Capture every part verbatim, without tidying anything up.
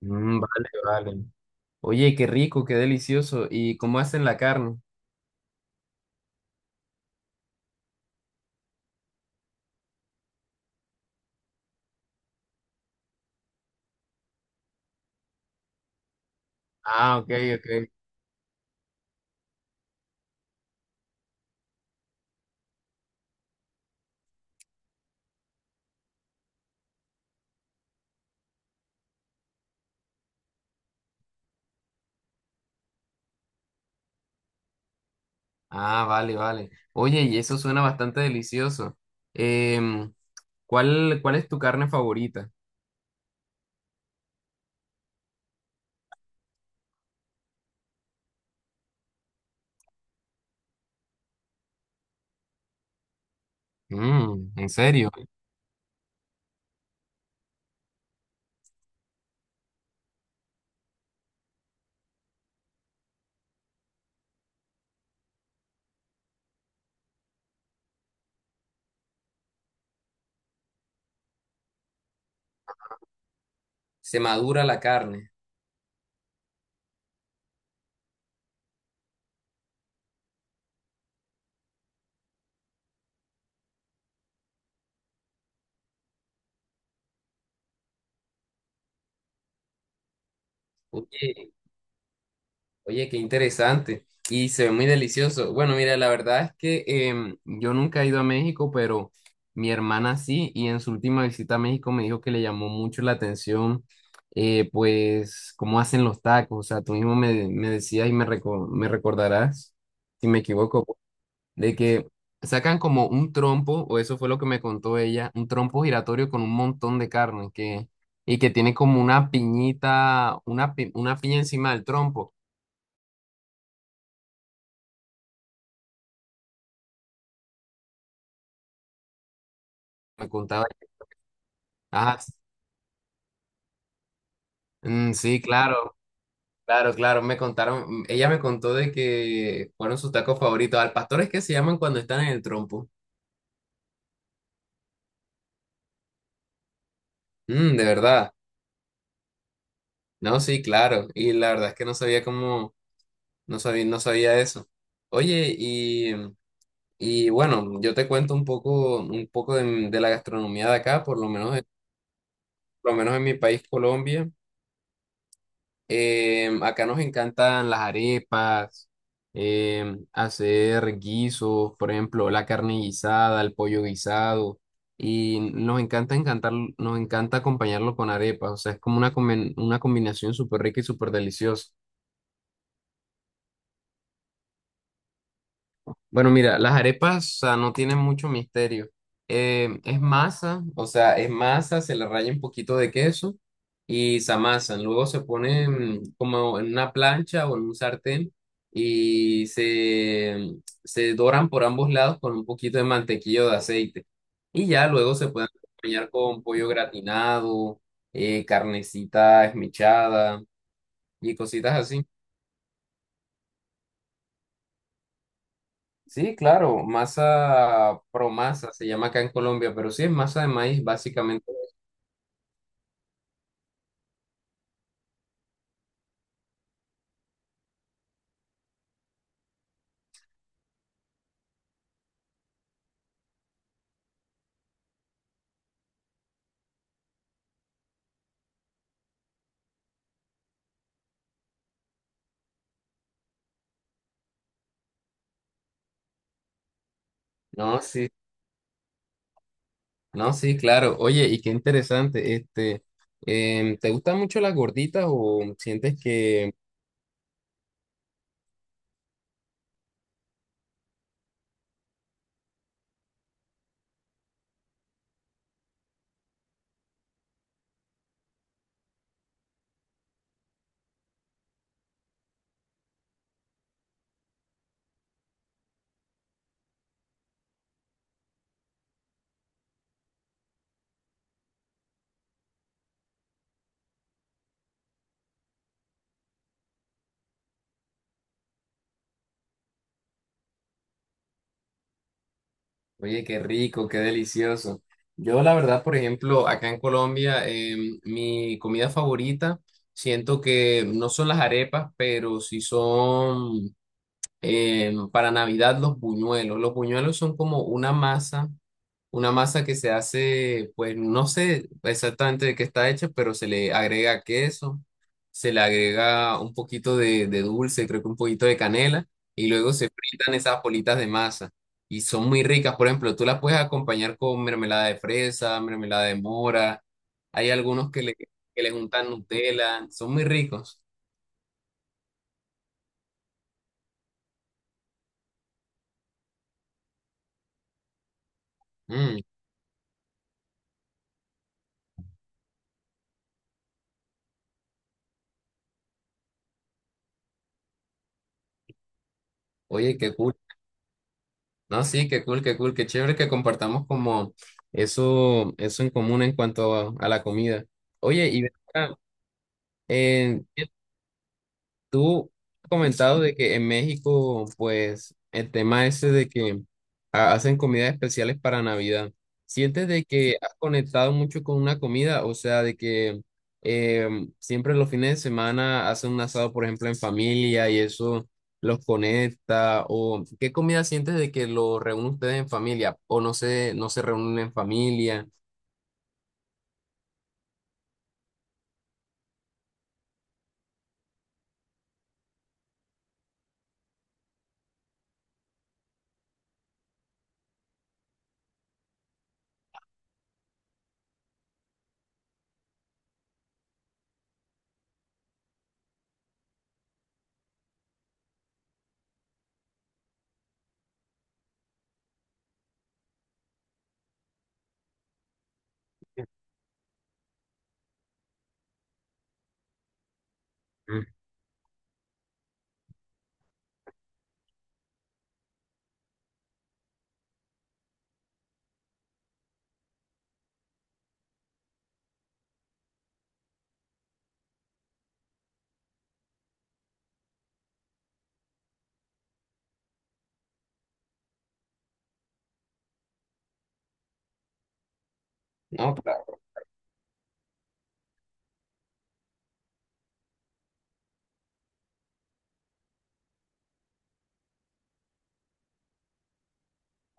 Mm, vale, vale. Oye, qué rico, qué delicioso. ¿Y cómo hacen la carne? Ah, ok, ok. Ah, vale, vale. Oye, y eso suena bastante delicioso. Em, ¿cuál, cuál es tu carne favorita? Mm, ¿en serio? Se madura la carne. Oye, Oye, qué interesante. Y se ve muy delicioso. Bueno, mira, la verdad es que em, yo nunca he ido a México, pero mi hermana sí, y en su última visita a México me dijo que le llamó mucho la atención, eh, pues, cómo hacen los tacos. O sea, tú mismo me, me decías y me, reco- me recordarás, si me equivoco, de que sacan como un trompo, o eso fue lo que me contó ella, un trompo giratorio con un montón de carne que, y que tiene como una piñita, una, pi- una piña encima del trompo. Me contaba. Ah, s- mm, sí, claro, claro, claro. Me contaron, mm, ella me contó de que fueron sus tacos favoritos. Al pastor es que se llaman cuando están en el trompo. Mm, de verdad. No, sí, claro. Y la verdad es que no sabía cómo, no sabía, no sabía eso. Oye, y, y bueno, yo te cuento un poco, un poco de, de la gastronomía de acá, por lo menos, en- por lo menos en mi país, Colombia. Em, acá nos encantan las arepas, em, hacer guisos, por ejemplo, la carne guisada, el pollo guisado, y nos encanta encantar, nos encanta acompañarlo con arepas, o sea, es como una, combi- una combinación súper rica y súper deliciosa. Bueno, mira, las arepas, o sea, no tienen mucho misterio. Eh, es masa, o sea, es masa, se le raya un poquito de queso y se amasan. Luego se ponen como en una plancha o en un sartén y se, se doran por ambos lados con un poquito de mantequilla o de aceite. Y ya luego se pueden acompañar con pollo gratinado, eh, carnecita esmechada y cositas así. Sí, claro, masa promasa se llama acá en Colombia, pero sí es masa de maíz básicamente. No, sí, no, sí, claro. Oye, y qué interesante, este, em, ¿te gustan mucho las gorditas o sientes que, oye, qué rico, qué delicioso? Yo la verdad, por ejemplo, acá en Colombia, em, mi comida favorita, siento que no son las arepas, pero sí son em, para Navidad los buñuelos. Los buñuelos son como una masa. Una masa que se hace, pues no sé exactamente de qué está hecha, pero se le agrega queso, se le agrega un poquito de, de dulce, creo que un poquito de canela, y luego se fritan esas bolitas de masa. Y son muy ricas, por ejemplo, tú las puedes acompañar con mermelada de fresa, mermelada de mora, hay algunos que le, que le juntan Nutella, son muy ricos. Mm, oye, qué cool. No, sí, qué cool, qué cool, qué chévere que compartamos como eso, eso en común en cuanto a, a la comida. Oye, y ven acá, eh, tú has comentado de que en México, pues, el tema ese de que ha- hacen comidas especiales para Navidad. ¿Sientes de que has conectado mucho con una comida? O sea, de que em, siempre los fines de semana hacen un asado, por ejemplo, en familia y eso los conecta. ¿O qué comida sientes de que lo reúnen ustedes en familia? ¿O no se, no se reúnen en familia? Mm. No,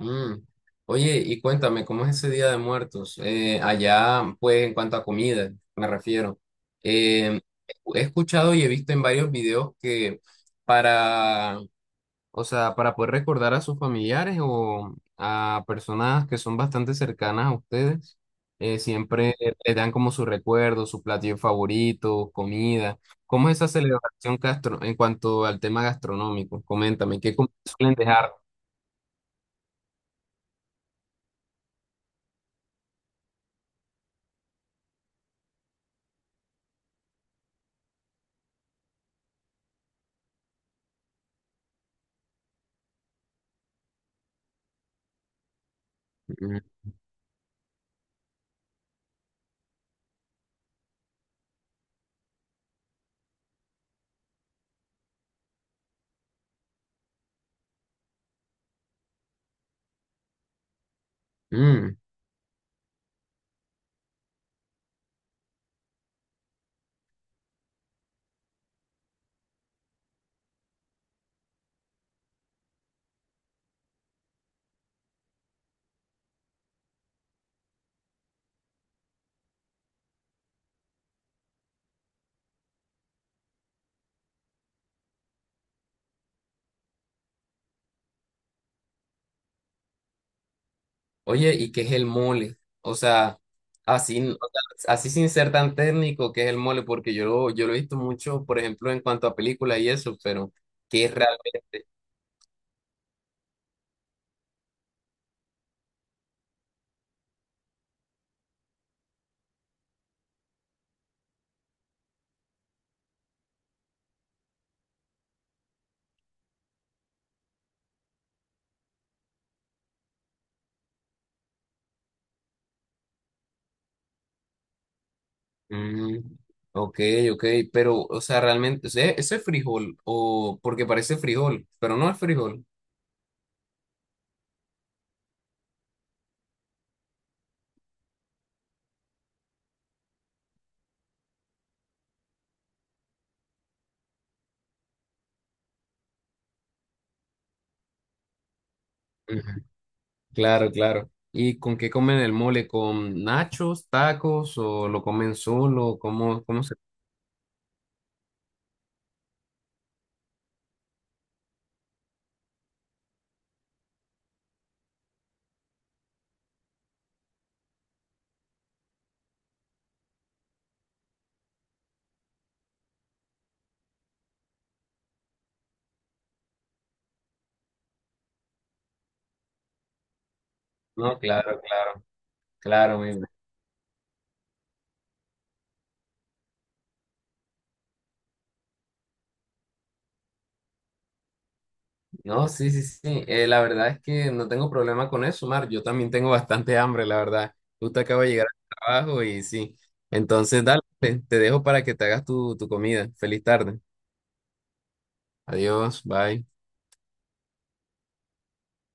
mm. Oye, y cuéntame, ¿cómo es ese Día de Muertos? Eh, allá, pues, en cuanto a comida, me refiero. Eh, he escuchado y he visto en varios videos que para, o sea, para poder recordar a sus familiares o a personas que son bastante cercanas a ustedes, eh, siempre les dan como su recuerdo, su platillo favorito, comida. ¿Cómo es esa celebración gastro en cuanto al tema gastronómico? Coméntame, ¿qué comidas suelen dejar? Mm. Mm. Oye, ¿y qué es el mole? O sea, así, n- o sea, así sin ser tan técnico, ¿qué es el mole? Porque yo lo, yo lo he visto mucho, por ejemplo, en cuanto a películas y eso, pero ¿qué es realmente? Mm, ok, ok, pero, o sea, realmente, o sea, ¿eso es frijol? O porque parece frijol, pero no es frijol. Ujú, claro, claro. ¿Y con qué comen el mole? ¿Con nachos, tacos o lo comen solo? ¿Cómo, cómo se...? No, claro, claro, claro, me. No, sí, sí, sí. Eh, la verdad es que no tengo problema con eso, Mar. Yo también tengo bastante hambre, la verdad. Justo acabo de llegar al trabajo y sí. Entonces, dale, te te dejo para que te hagas tu, tu comida. Feliz tarde. Adiós, bye.